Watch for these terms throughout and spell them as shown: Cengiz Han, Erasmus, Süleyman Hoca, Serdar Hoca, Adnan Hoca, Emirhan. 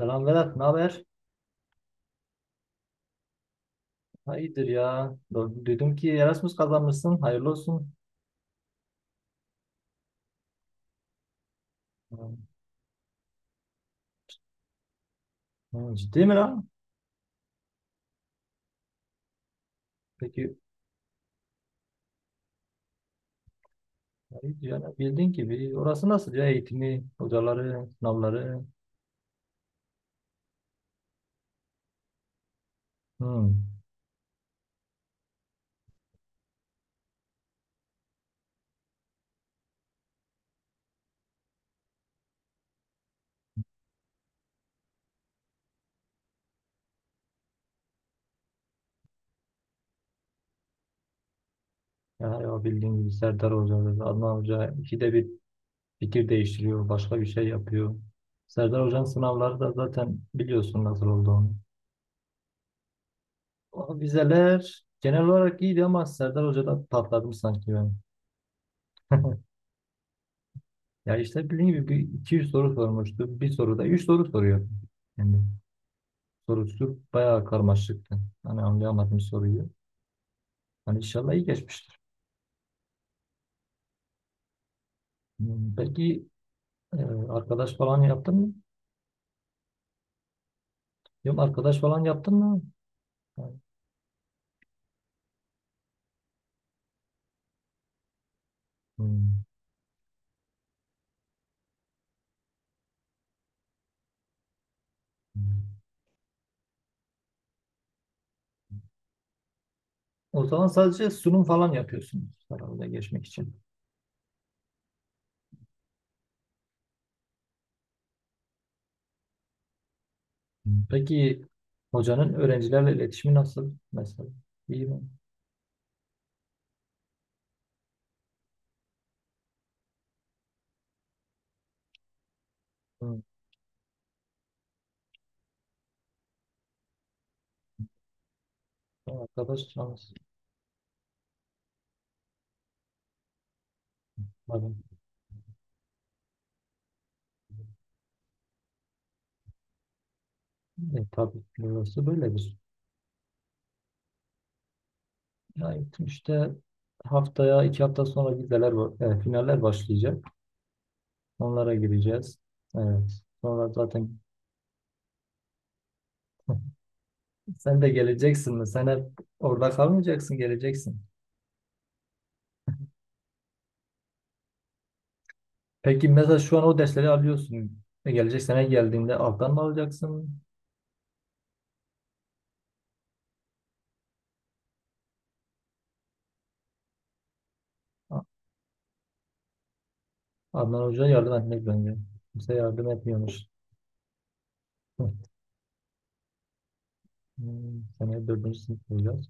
Selam Vedat, ne haber? Ha, iyidir ya. Duydum ki Erasmus kazanmışsın, hayırlı olsun. Ha, ha, ciddi mi lan? Peki, ha, iyidir ya. Bildiğin gibi orası nasıl ya? Eğitimi, hocaları, sınavları. Hmm. Ya, ya bildiğin gibi Serdar Hoca, Adnan Hoca ikide bir fikir değiştiriyor, başka bir şey yapıyor. Serdar Hoca'nın sınavları da zaten biliyorsun nasıl olduğunu. O vizeler genel olarak iyiydi ama Serdar Hoca'da patladım sanki ben. Ya işte bildiğim gibi 200 soru sormuştu. Bir soruda 3 soru soruyor. Yani sorusu bayağı karmaşıktı. Hani anlayamadım soruyu. Hani inşallah iyi geçmiştir. Hmm, peki arkadaş falan yaptın mı? Yok, arkadaş falan yaptın mı? Hmm. O zaman sadece sunum falan yapıyorsunuz herhalde geçmek için. Hmm. Peki hocanın öğrencilerle iletişimi nasıl mesela? İyi mi? Hmm. Arkadaş çalışmadım. E, tabii burası böyledir. Ya gittim işte haftaya 2 hafta sonra vizeler var, finaller başlayacak. Onlara gireceğiz. Evet. Sonra zaten sen de geleceksin mi? Sen hep orada kalmayacaksın, geleceksin. Peki mesela şu an o dersleri alıyorsun. E, gelecek sene geldiğinde alttan mı alacaksın? A- Adnan Hoca yardım etmek bence. Kimse yardım etmiyormuş. Hmm, seneye dördüncü sınıf olacağız.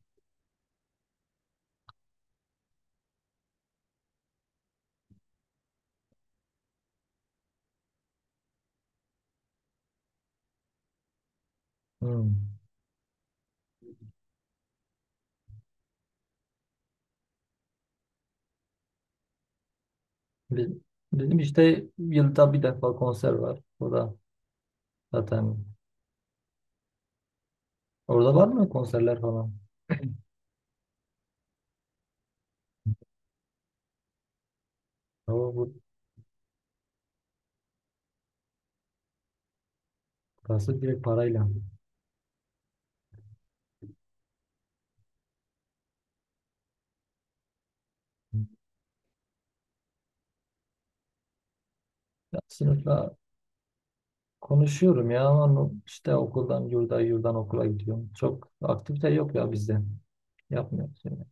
Hmm. Biz- Bizim işte yılda bir defa konser var. O da zaten orada var mı konserler falan? Ama bu burası direkt parayla. Ya sınıfla konuşuyorum ya ama işte okuldan yurda, yurdan okula gidiyorum. Çok aktivite yok ya bizde. Yapmıyoruz yani.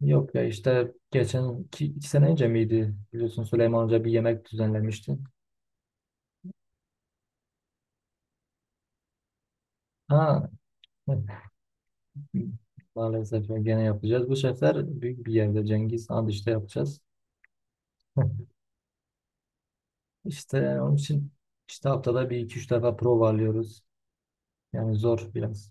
Yok ya işte geçen iki sene önce miydi? Biliyorsun Süleyman Hoca bir yemek düzenlemişti. Ha, maalesef gene yapacağız. Bu sefer büyük bir yerde Cengiz Han işte yapacağız. İşte onun için işte haftada bir iki üç defa prova alıyoruz. Yani zor biraz.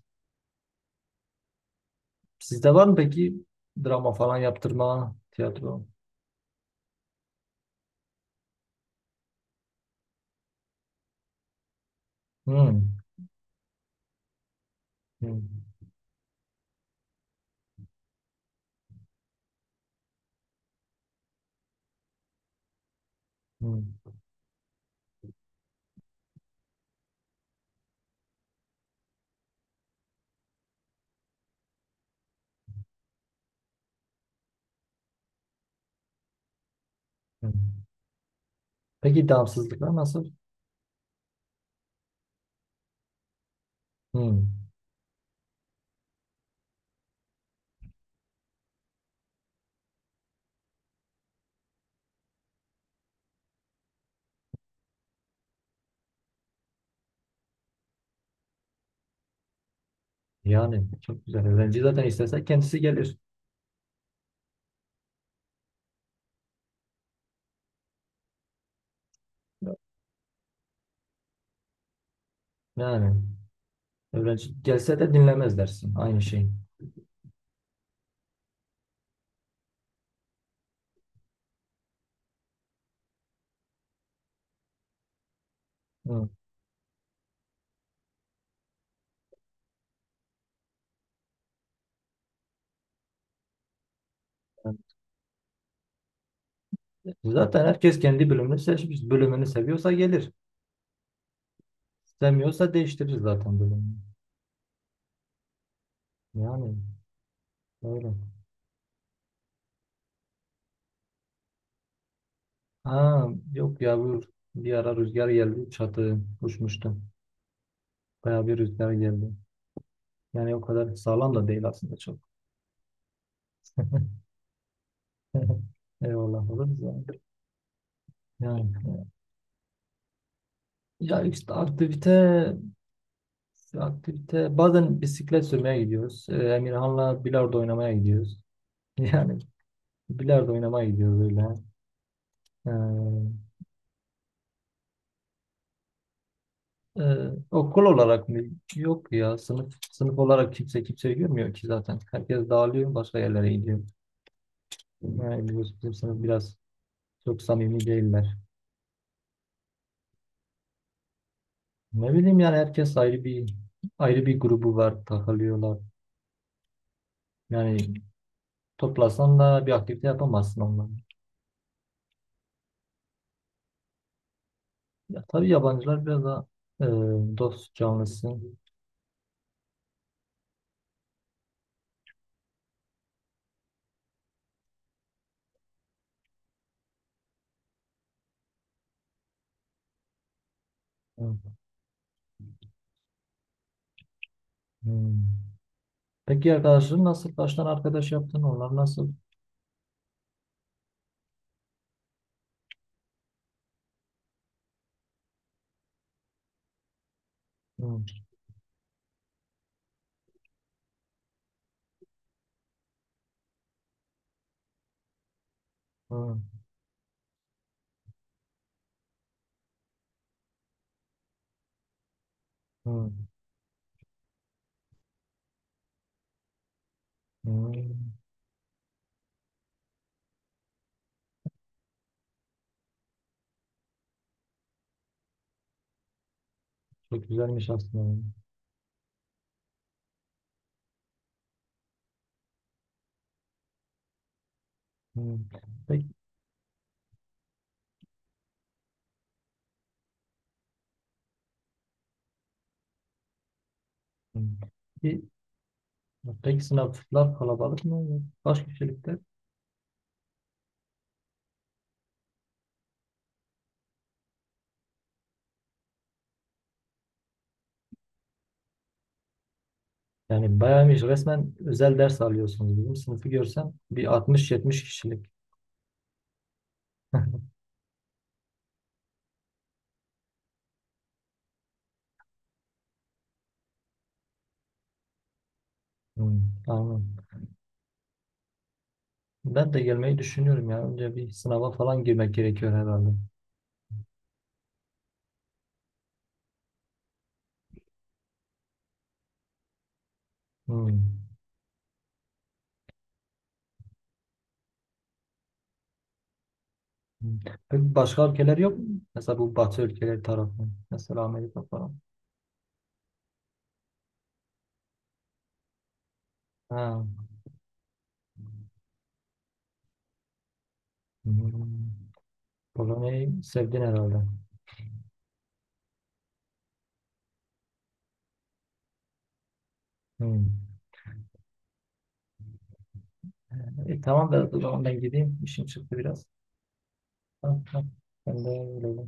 Sizde var mı peki drama falan yaptırma, tiyatro? Hmm. Hmm. Hmm. Hmm. Peki damsızlıklar nasıl? Hmm. Yani çok güzel. Öğrenci zaten istese kendisi gelir. Yani öğrenci gelse de dinlemez dersin. Aynı şey. Hı. Zaten herkes kendi bölümünü seçmiş. Bölümünü seviyorsa gelir. Sevmiyorsa değiştirir zaten bölümünü. Yani öyle. Ha, yok ya bu bir ara rüzgar geldi. Çatı uçmuştu. Bayağı bir rüzgar geldi. Yani o kadar sağlam da değil aslında çok. Eyvallah olur da. Yani, evet. Ya işte aktivite bazen bisiklet sürmeye gidiyoruz. Emirhan'la bilardo oynamaya gidiyoruz. Yani bilardo oynamaya gidiyoruz öyle. Ee, okul olarak mı? Yok ya sınıf sınıf olarak kimse kimseyi görmüyor ki zaten. Herkes dağılıyor, başka yerlere gidiyor. Yani biliyorsun bizim sınıf biraz çok samimi değiller. Ne bileyim yani herkes ayrı bir grubu var, takılıyorlar. Yani toplasan da bir aktivite yapamazsın onları. Ya tabii yabancılar biraz daha e, dost canlısı. Hı, hı. Peki arkadaşların nasıl? Kaç tane arkadaş yaptın? Onlar nasıl? Hı, hı, hı, hı. Çok güzelmiş aslında. Hı. Peki, hı. Peki, peki, sınıflar kalabalık mı? Kaç kişilikte? Yani bayağıymış, resmen özel ders alıyorsunuz. Bizim sınıfı görsen bir 60-70 kişilik. Hmm, anladım. Ben de gelmeyi düşünüyorum ya. Önce bir sınava falan girmek gerekiyor herhalde. Hmm. Hmm. Peki başka ülkeler yok mu? Mesela bu Batı ülkeleri tarafı. Mesela Amerika falan. Ha. Hmm. Polonya'yı sevdin herhalde. Hmm. E, tamam da o zaman ben gideyim. İşim çıktı biraz. Tamam, tamam. Ben de öyle.